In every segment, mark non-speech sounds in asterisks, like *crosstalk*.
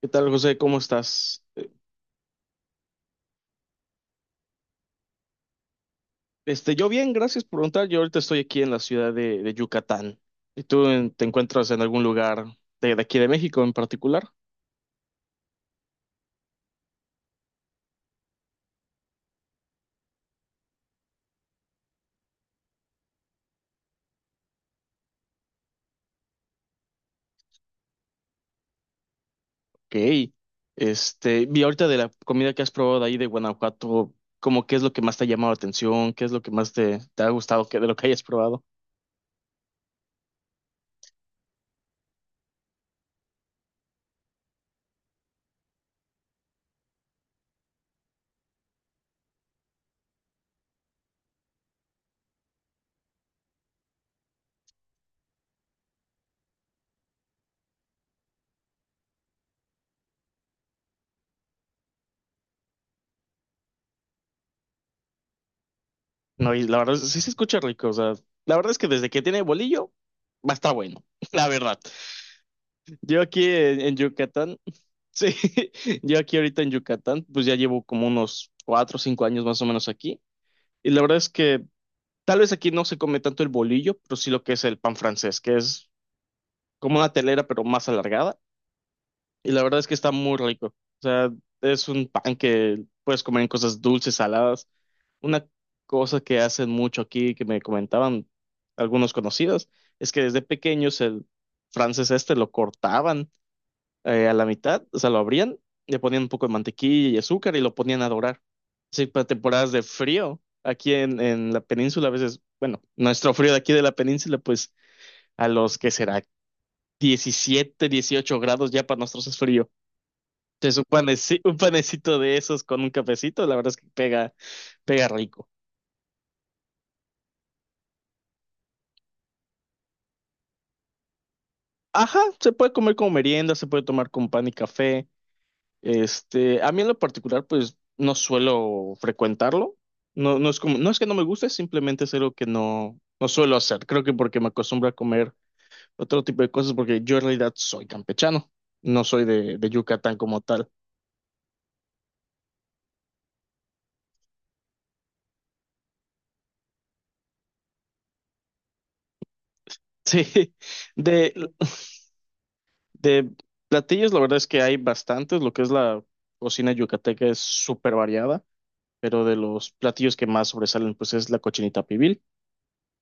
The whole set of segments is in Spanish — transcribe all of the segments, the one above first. ¿Qué tal, José? ¿Cómo estás? Este, yo bien, gracias por preguntar. Yo ahorita estoy aquí en la ciudad de Yucatán. ¿Y tú te encuentras en algún lugar de aquí de México en particular? Ok. Este, vi ahorita de la comida que has probado de ahí de Guanajuato, ¿cómo qué es lo que más te ha llamado la atención? ¿Qué es lo que más te ha gustado que, de lo que hayas probado? No, y la verdad, sí se escucha rico. O sea, la verdad es que desde que tiene bolillo, va a estar bueno. *laughs* La verdad. Yo aquí en Yucatán, *laughs* sí, yo aquí ahorita en Yucatán, pues ya llevo como unos 4 o 5 años más o menos aquí. Y la verdad es que tal vez aquí no se come tanto el bolillo, pero sí lo que es el pan francés, que es como una telera, pero más alargada. Y la verdad es que está muy rico. O sea, es un pan que puedes comer en cosas dulces, saladas. Una cosa que hacen mucho aquí, que me comentaban algunos conocidos, es que desde pequeños el francés este lo cortaban a la mitad, o sea, lo abrían, le ponían un poco de mantequilla y azúcar y lo ponían a dorar. Sí, para temporadas de frío, aquí en la península, a veces, bueno, nuestro frío de aquí de la península, pues a los que será 17, 18 grados ya para nosotros es frío. Entonces, un panecito de esos con un cafecito, la verdad es que pega, pega rico. Ajá, se puede comer como merienda, se puede tomar con pan y café. Este, a mí en lo particular, pues no suelo frecuentarlo. No, no es como, no es que no me guste, simplemente es algo que no, no suelo hacer. Creo que porque me acostumbro a comer otro tipo de cosas, porque yo en realidad soy campechano, no soy de Yucatán como tal. *laughs* Sí, de, de platillos, la verdad es que hay bastantes. Lo que es la cocina yucateca es súper variada, pero de los platillos que más sobresalen, pues es la cochinita pibil.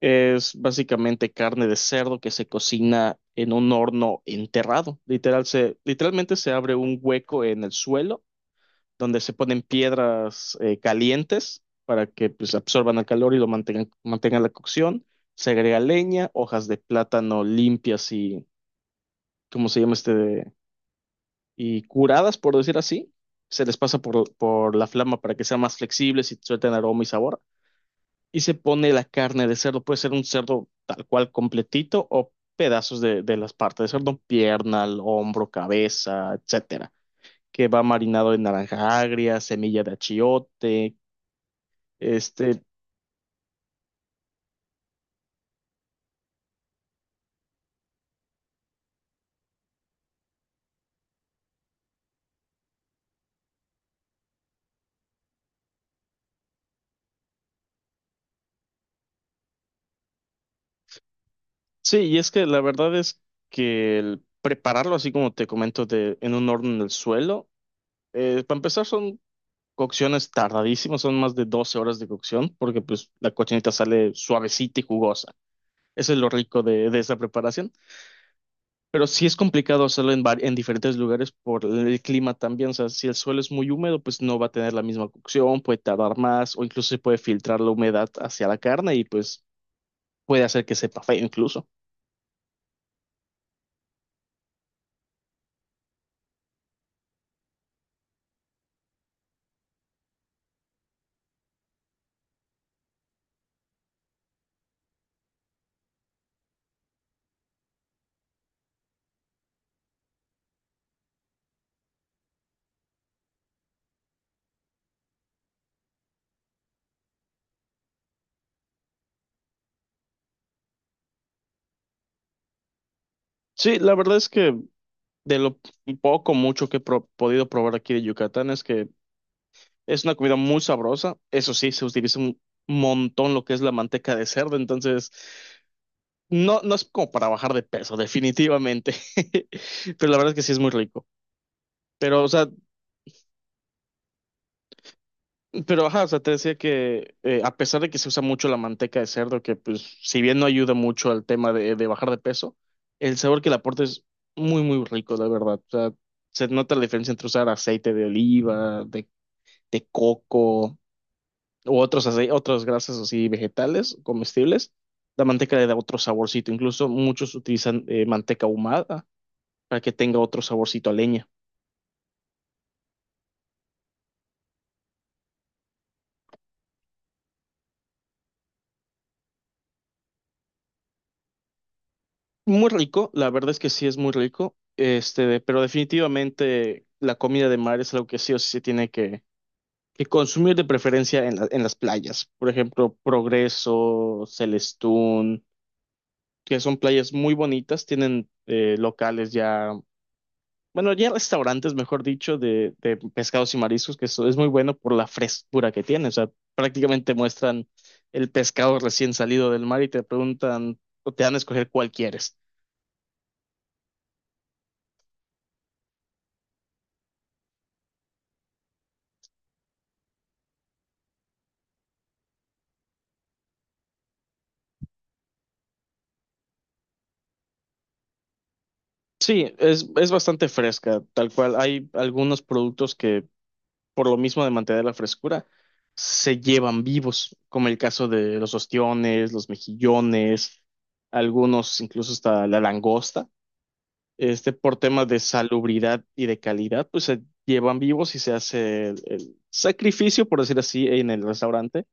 Es básicamente carne de cerdo que se cocina en un horno enterrado. Literal, literalmente se abre un hueco en el suelo donde se ponen piedras calientes para que pues, absorban el calor y lo mantengan la cocción. Se agrega leña, hojas de plátano limpias y, ¿cómo se llama este? Y curadas, por decir así, se les pasa por la flama para que sean más flexibles y suelten aroma y sabor. Y se pone la carne de cerdo, puede ser un cerdo tal cual completito o pedazos de las partes de cerdo, pierna, el hombro, cabeza, etcétera, que va marinado en naranja agria, semilla de achiote, este, sí, y es que la verdad es que el prepararlo así como te comento de, en un horno en el suelo, para empezar son cocción es tardadísimo, son más de 12 horas de cocción, porque pues la cochinita sale suavecita y jugosa. Eso es lo rico de esa preparación. Pero sí es complicado hacerlo en, en diferentes lugares por el clima también. O sea, si el suelo es muy húmedo, pues no va a tener la misma cocción, puede tardar más, o incluso se puede filtrar la humedad hacia la carne y pues puede hacer que sepa feo incluso. Sí, la verdad es que de lo poco, mucho que he podido probar aquí de Yucatán es una comida muy sabrosa. Eso sí, se utiliza un montón lo que es la manteca de cerdo. Entonces, no, no es como para bajar de peso, definitivamente. *laughs* Pero la verdad es que sí es muy rico. Pero, o sea, pero ajá, o sea, te decía que a pesar de que se usa mucho la manteca de cerdo, que pues si bien no ayuda mucho al tema de bajar de peso, el sabor que le aporta es muy, muy rico, la verdad. O sea, se nota la diferencia entre usar aceite de oliva, de coco, u otros otras grasas así vegetales, comestibles, la manteca le da otro saborcito. Incluso muchos utilizan manteca ahumada para que tenga otro saborcito a leña. Muy rico, la verdad es que sí es muy rico, este, pero definitivamente la comida de mar es algo que sí o sí se tiene que, consumir de preferencia en en las playas. Por ejemplo, Progreso, Celestún, que son playas muy bonitas, tienen locales ya, bueno, ya restaurantes, mejor dicho, de pescados y mariscos, que eso es muy bueno por la frescura que tiene. O sea, prácticamente muestran el pescado recién salido del mar y te preguntan o te dan a escoger cuál quieres. Sí, es bastante fresca, tal cual. Hay algunos productos que, por lo mismo de mantener la frescura, se llevan vivos, como el caso de los ostiones, los mejillones, algunos incluso hasta la langosta. Este, por temas de salubridad y de calidad, pues se llevan vivos y se hace el sacrificio, por decir así, en el restaurante,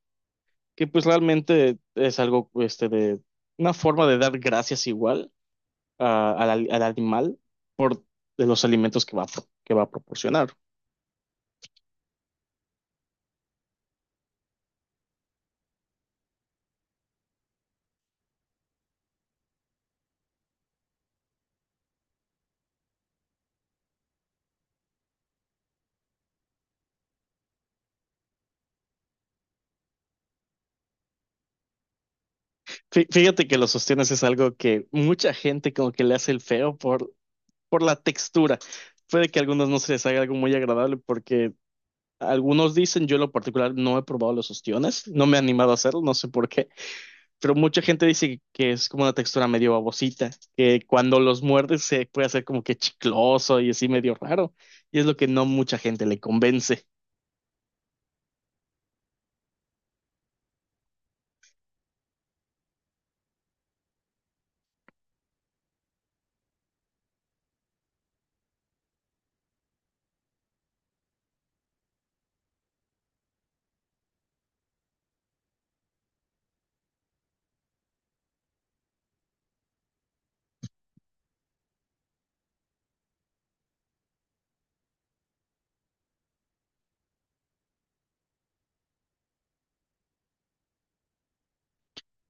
que pues realmente es algo, este, de una forma de dar gracias igual al animal por de los alimentos que va a proporcionar. Fíjate que los ostiones es algo que mucha gente como que le hace el feo por la textura. Puede que a algunos no se les haga algo muy agradable porque algunos dicen, yo en lo particular no he probado los ostiones, no me he animado a hacerlo, no sé por qué, pero mucha gente dice que es como una textura medio babosita, que cuando los muerdes se puede hacer como que chicloso y así medio raro, y es lo que no mucha gente le convence.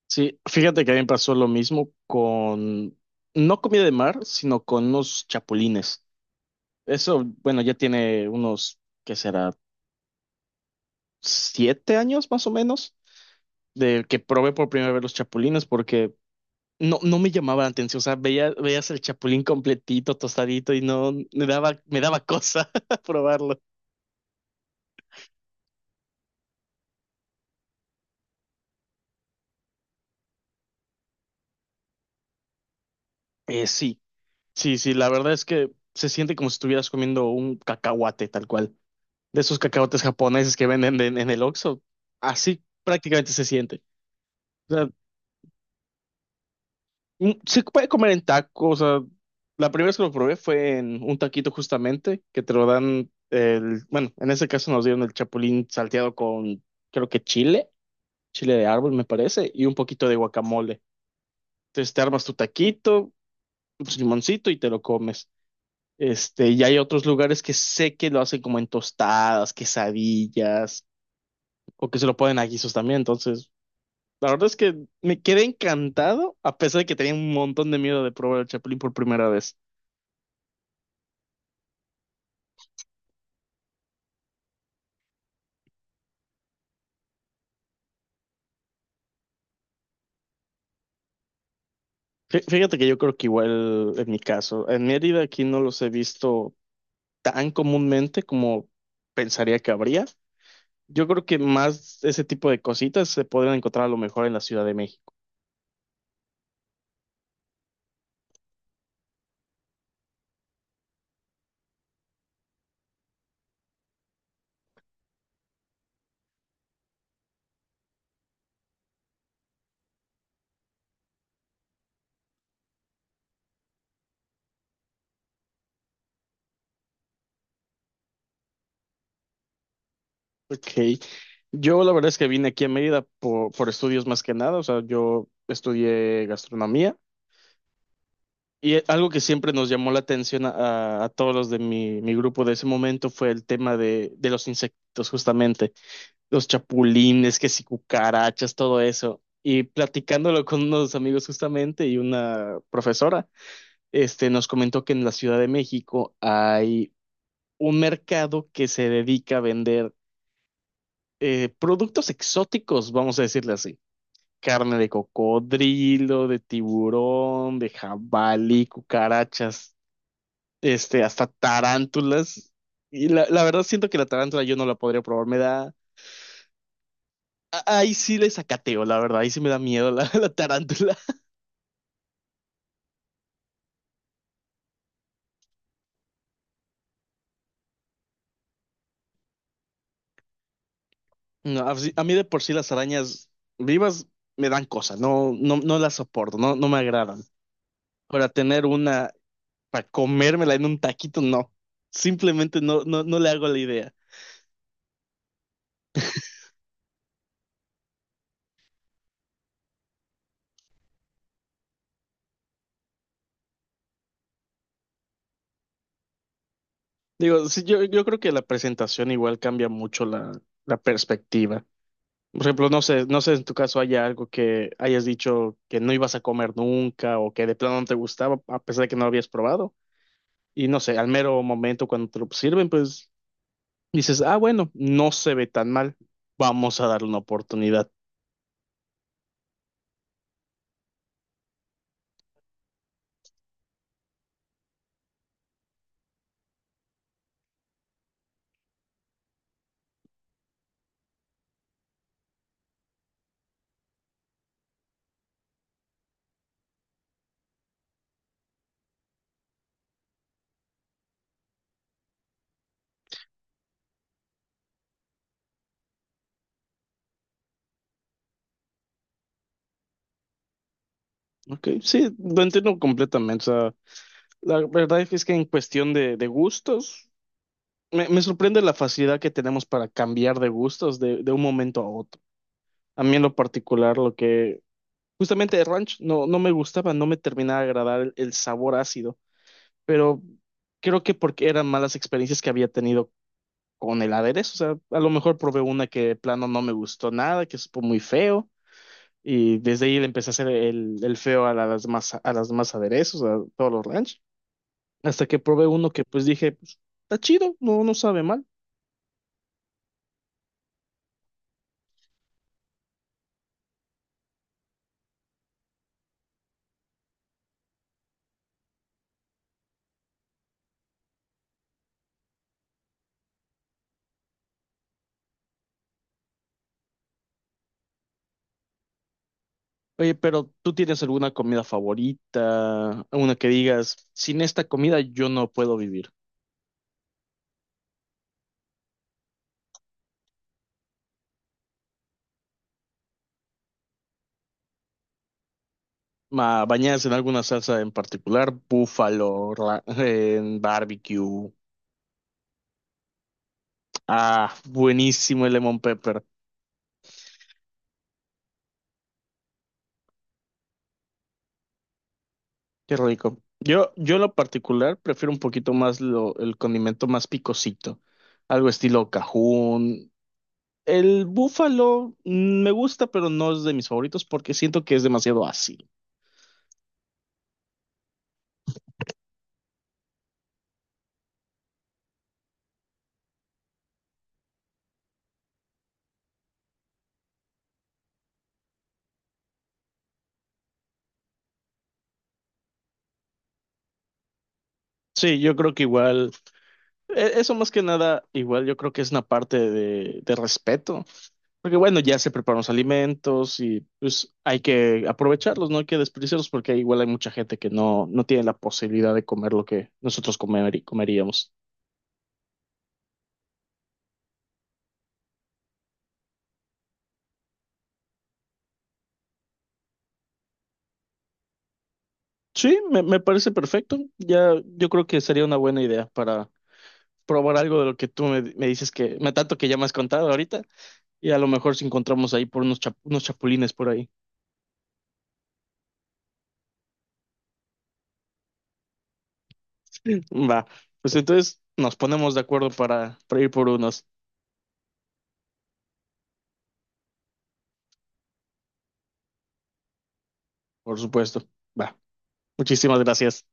Sí, fíjate que a mí me pasó lo mismo con, no comida de mar, sino con unos chapulines. Eso, bueno, ya tiene unos, ¿qué será? 7 años más o menos, de que probé por primera vez los chapulines, porque no, no me llamaba la atención, o sea, veías el chapulín completito, tostadito y no me daba, me daba cosa *laughs* probarlo. Sí, sí, sí, la verdad es que se siente como si estuvieras comiendo un cacahuate tal cual, de esos cacahuates japoneses que venden en el Oxxo, así prácticamente se siente. O sea, se puede comer en tacos, o sea, la primera vez que lo probé fue en un taquito justamente, que te lo dan, el, bueno, en ese caso nos dieron el chapulín salteado con, creo que chile de árbol, me parece, y un poquito de guacamole. Entonces te armas tu taquito, tu limoncito y te lo comes. Este, y hay otros lugares que sé que lo hacen como en tostadas, quesadillas, o que se lo ponen a guisos también. Entonces, la verdad es que me quedé encantado, a pesar de que tenía un montón de miedo de probar el chapulín por primera vez. Fíjate que yo creo que igual en mi caso, en Mérida aquí no los he visto tan comúnmente como pensaría que habría. Yo creo que más ese tipo de cositas se podrían encontrar a lo mejor en la Ciudad de México. Ok. Yo la verdad es que vine aquí a Mérida por estudios más que nada. O sea, yo estudié gastronomía y algo que siempre nos llamó la atención a todos los de mi grupo de ese momento fue el tema de los insectos, justamente. Los chapulines, que si cucarachas, todo eso. Y platicándolo con unos amigos justamente y una profesora, este, nos comentó que en la Ciudad de México hay un mercado que se dedica a vender productos exóticos, vamos a decirle así. Carne de cocodrilo, de tiburón, de jabalí, cucarachas, este, hasta tarántulas. Y la verdad siento que la tarántula yo no la podría probar, me da... Ahí sí le sacateo, la verdad, ahí sí me da miedo la, *laughs* la tarántula. No, a si, a mí de por sí las arañas vivas me dan cosas, no, no, no las soporto, no, no me agradan. Para tener una para comérmela en un taquito, no. Simplemente no, no, no le hago la idea. Digo, sí, yo creo que la presentación igual cambia mucho la perspectiva. Por ejemplo, no sé, no sé en tu caso haya algo que hayas dicho que no ibas a comer nunca o que de plano no te gustaba a pesar de que no lo habías probado. Y no sé, al mero momento cuando te lo sirven, pues dices, ah, bueno, no se ve tan mal, vamos a darle una oportunidad. Ok, sí, lo entiendo completamente. O sea, la verdad es que en cuestión de gustos, me sorprende la facilidad que tenemos para cambiar de gustos de un momento a otro. A mí en lo particular, lo que justamente el ranch no, no me gustaba, no me terminaba de agradar el sabor ácido, pero creo que porque eran malas experiencias que había tenido con el aderezo. O sea, a lo mejor probé una que de plano no me gustó nada, que supo muy feo, y desde ahí le empecé a hacer el feo a las demás, aderezos, a todos los ranch, hasta que probé uno que pues dije, pues, está chido, no, no sabe mal. Oye, pero ¿tú tienes alguna comida favorita? Una que digas, sin esta comida yo no puedo vivir. Bañadas en alguna salsa en particular, búfalo, en barbecue. Ah, buenísimo el lemon pepper. Qué rico. Yo en lo particular prefiero un poquito más lo, el condimento más picosito. Algo estilo cajún. El búfalo me gusta, pero no es de mis favoritos porque siento que es demasiado ácido. Sí, yo creo que igual. Eso más que nada, igual yo creo que es una parte de respeto, porque bueno, ya se preparan los alimentos y pues hay que aprovecharlos, no hay que desperdiciarlos porque igual hay mucha gente que no, no tiene la posibilidad de comer lo que nosotros comeríamos. Sí, me parece perfecto. Ya yo creo que sería una buena idea para probar algo de lo que tú me dices que, me tanto que ya me has contado ahorita y a lo mejor si encontramos ahí por unos chapulines por ahí. Va, pues entonces nos ponemos de acuerdo para ir por unos. Por supuesto. Va. Muchísimas gracias.